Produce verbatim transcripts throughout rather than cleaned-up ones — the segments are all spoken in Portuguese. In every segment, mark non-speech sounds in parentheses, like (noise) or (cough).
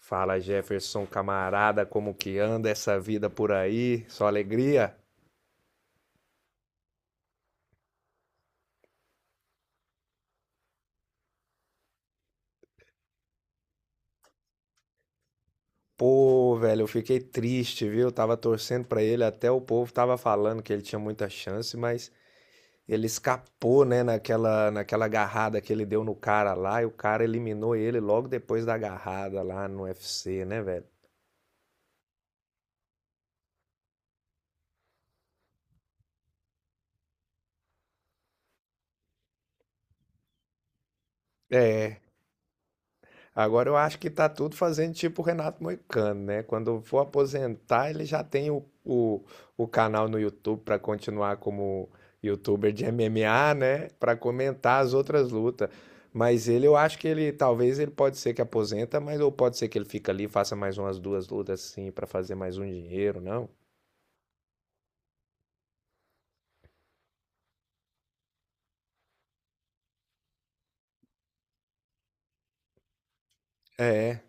Fala, Jefferson, camarada, como que anda essa vida por aí? Só alegria? Pô, velho, eu fiquei triste, viu? Tava torcendo pra ele, até o povo tava falando que ele tinha muita chance, mas ele escapou, né, naquela, naquela agarrada que ele deu no cara lá, e o cara eliminou ele logo depois da agarrada lá no U F C, né, velho? É. Agora eu acho que tá tudo fazendo tipo o Renato Moicano, né? Quando for aposentar, ele já tem o, o, o canal no YouTube para continuar como youtuber de M M A, né? Para comentar as outras lutas. Mas ele, eu acho que ele, talvez ele pode ser que aposenta, mas ou pode ser que ele fica ali, e faça mais umas duas lutas assim para fazer mais um dinheiro, não? É.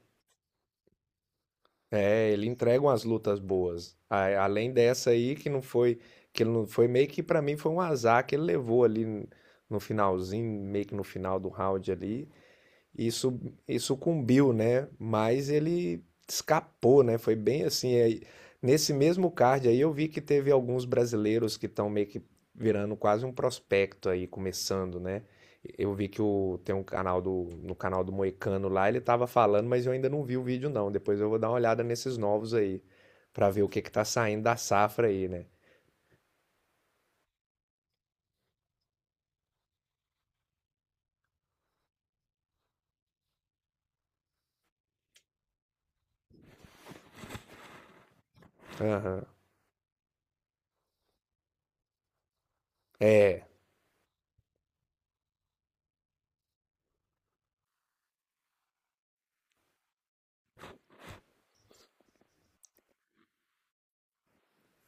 É, ele entrega umas lutas boas. A- Além dessa aí, que não foi, que ele não foi, meio que pra mim foi um azar que ele levou ali no finalzinho, meio que no final do round ali. Isso, e sucumbiu, né? Mas ele escapou, né? Foi bem assim. Aí- nesse mesmo card aí eu vi que teve alguns brasileiros que estão meio que virando quase um prospecto aí, começando, né? Eu vi que o, tem um canal do, no canal do Moicano lá, ele tava falando, mas eu ainda não vi o vídeo não. Depois eu vou dar uma olhada nesses novos aí, pra ver o que que tá saindo da safra aí, né? Aham. É.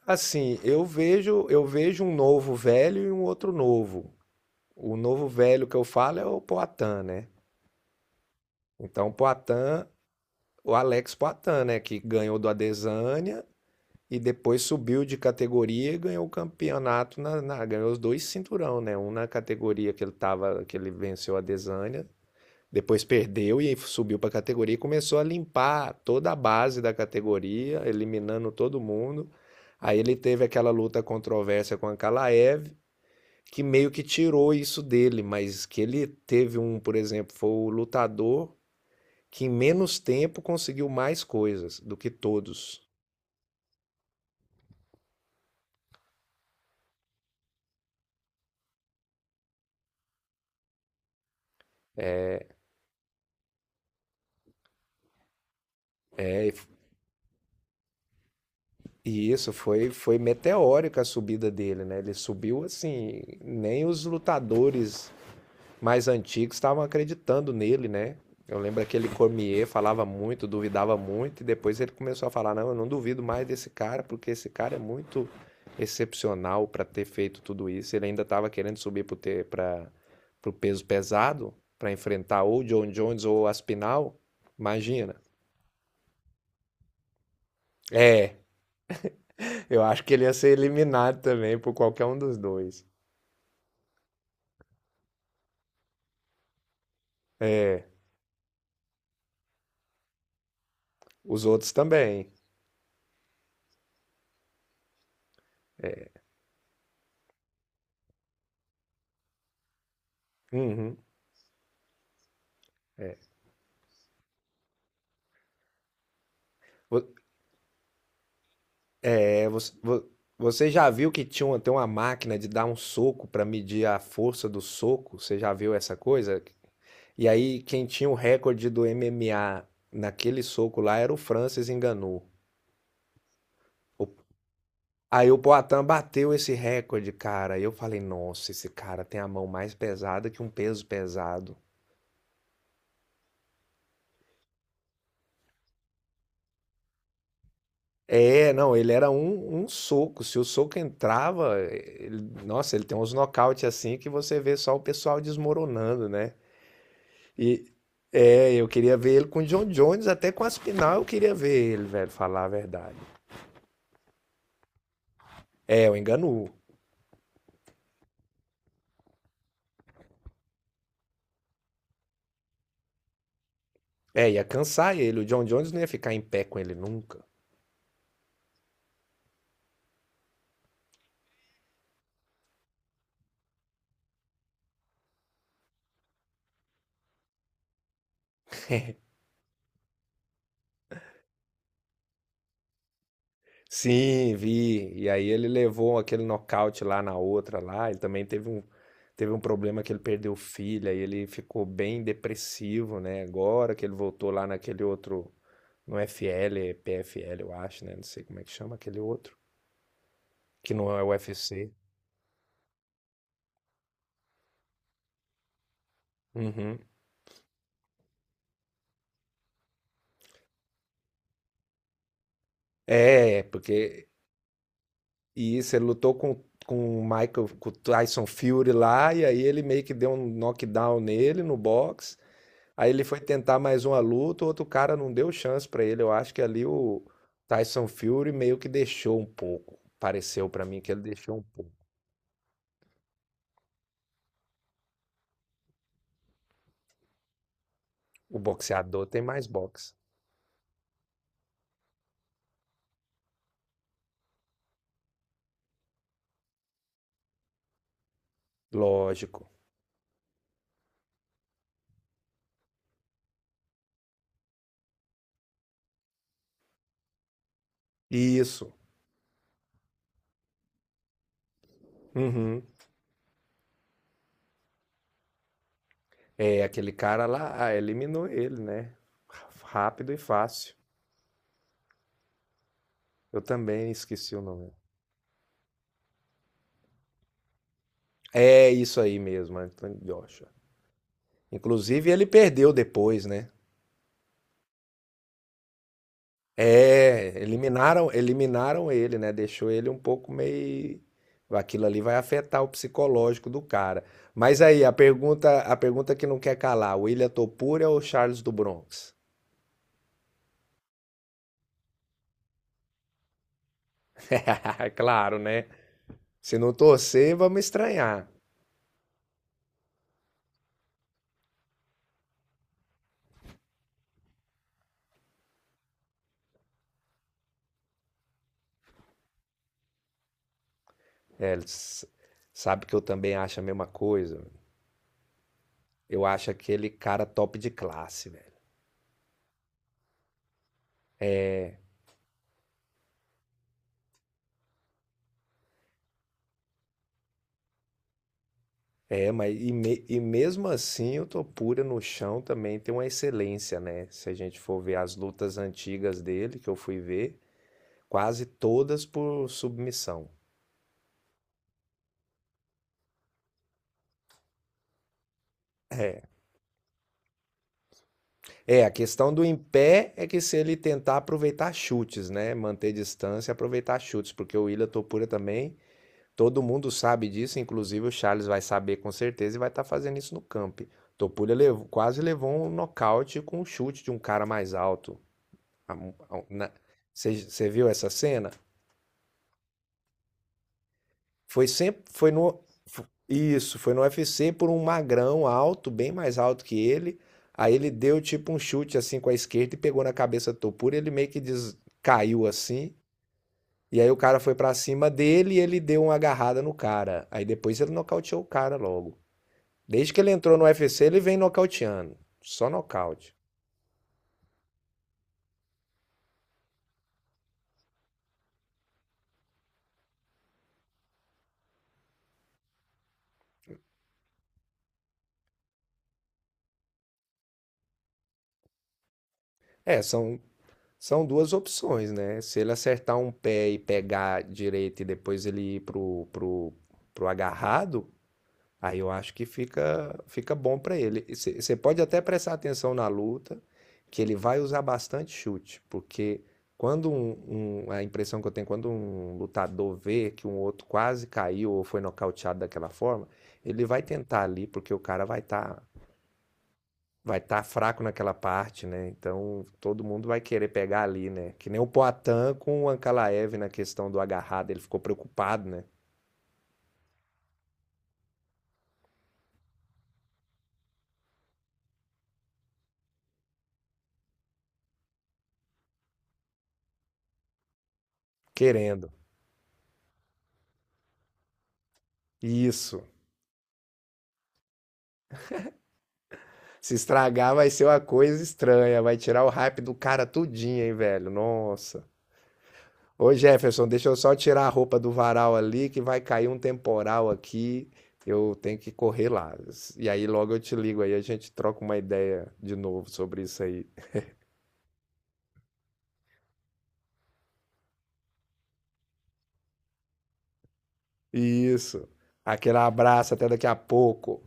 Assim, eu vejo, eu vejo um novo velho e um outro novo. O novo velho que eu falo é o Poatan, né? Então, o Poatan, o Alex Poatan, né? Que ganhou do Adesanya e depois subiu de categoria e ganhou o campeonato, na, na- ganhou os dois cinturão, né? Um na categoria que ele tava, que ele venceu a Adesanya, depois perdeu e subiu para a categoria e começou a limpar toda a base da categoria, eliminando todo mundo. Aí ele teve aquela luta controversa com a Kalaev, que meio que tirou isso dele, mas que ele teve um, por exemplo, foi o lutador que em menos tempo conseguiu mais coisas do que todos. É, e f- e isso foi, foi meteórica a subida dele, né? Ele subiu assim, nem os lutadores mais antigos estavam acreditando nele, né? Eu lembro aquele Cormier falava muito, duvidava muito, e depois ele começou a falar: não, eu não duvido mais desse cara, porque esse cara é muito excepcional para ter feito tudo isso. Ele ainda estava querendo subir para o peso pesado, para enfrentar ou John Jones ou Aspinall. Imagina. É, eu acho que ele ia ser eliminado também por qualquer um dos dois. É, os outros também. Uhum. É, você, vo- Você já viu que tinha uma, tem uma máquina de dar um soco para medir a força do soco? Você já viu essa coisa? E aí, quem tinha o recorde do M M A naquele soco lá era o Francis Ngannou. O- Aí o Poatan bateu esse recorde, cara. E eu falei, nossa, esse cara tem a mão mais pesada que um peso pesado. É, não, ele era um, um soco. Se o soco entrava, ele- nossa, ele tem uns nocaute assim que você vê só o pessoal desmoronando, né? E é, eu queria ver ele com o John Jones, até com Aspinal eu queria ver ele, velho, falar a verdade. É, o Enganu. É, ia cansar ele. O John Jones não ia ficar em pé com ele nunca. Sim, vi. E aí ele levou aquele nocaute lá na outra lá. Ele também teve um, teve um problema que ele perdeu filha e ele ficou bem depressivo, né? Agora que ele voltou lá naquele outro, no F L, é P F L, eu acho, né? Não sei como é que chama aquele outro, que não é o U F C. Uhum. É, porque e isso, ele lutou com, com o Michael, com o Tyson Fury lá, e aí ele meio que deu um knockdown nele no box. Aí ele foi tentar mais uma luta, o outro cara não deu chance pra ele. Eu acho que ali o Tyson Fury meio que deixou um pouco. Pareceu pra mim que ele deixou um pouco. O boxeador tem mais boxe. Lógico. Isso. Uhum. É, aquele cara lá, ah, eliminou ele, né? Rápido e fácil. Eu também esqueci o nome. É isso aí mesmo, Anthony Joshua. Inclusive, ele perdeu depois, né? É, eliminaram, eliminaram ele, né? Deixou ele um pouco meio. Aquilo ali vai afetar o psicológico do cara. Mas aí, a pergunta, a pergunta que não quer calar: William Topuria ou Charles do Bronx? (laughs) Claro, né? Se não torcer, vamos estranhar. É, s- sabe que eu também acho a mesma coisa. Eu acho aquele cara top de classe, velho. É, mas e, me- e mesmo assim o Topura no chão também tem uma excelência, né? Se a gente for ver as lutas antigas dele, que eu fui ver, quase todas por submissão. É. É, a questão do em pé é que se ele tentar aproveitar chutes, né? Manter distância e aproveitar chutes, porque o Ilha Topura também, todo mundo sabe disso, inclusive o Charles vai saber com certeza e vai estar fazendo isso no camp. Topura levou- quase levou um nocaute com um chute de um cara mais alto. a- a- na- Você, você viu essa cena? Foi sempre, foi no, fo- Isso, foi no U F C por um magrão alto, bem mais alto que ele. Aí ele deu tipo um chute assim com a esquerda e pegou na cabeça do Topuria, ele meio que des- caiu assim. E aí o cara foi pra cima dele e ele deu uma agarrada no cara. Aí depois ele nocauteou o cara logo. Desde que ele entrou no U F C, ele vem nocauteando. Só nocaute. É, são São duas opções, né? Se ele acertar um pé e pegar direito e depois ele ir pro, pro, pro agarrado, aí eu acho que fica, fica bom para ele. Você pode até prestar atenção na luta, que ele vai usar bastante chute, porque quando um, um- a impressão que eu tenho, quando um lutador vê que um outro quase caiu ou foi nocauteado daquela forma, ele vai tentar ali, porque o cara vai estar vai estar fraco naquela parte, né? Então todo mundo vai querer pegar ali, né? Que nem o Poatan com o Ankalaev na questão do agarrado, ele ficou preocupado, né? Querendo. Isso. Se estragar vai ser uma coisa estranha, vai tirar o hype do cara tudinho, hein, velho? Nossa. Ô Jefferson, deixa eu só tirar a roupa do varal ali que vai cair um temporal aqui. Eu tenho que correr lá. E aí logo eu te ligo aí, a gente troca uma ideia de novo sobre isso aí. Isso. Aquele abraço, até daqui a pouco.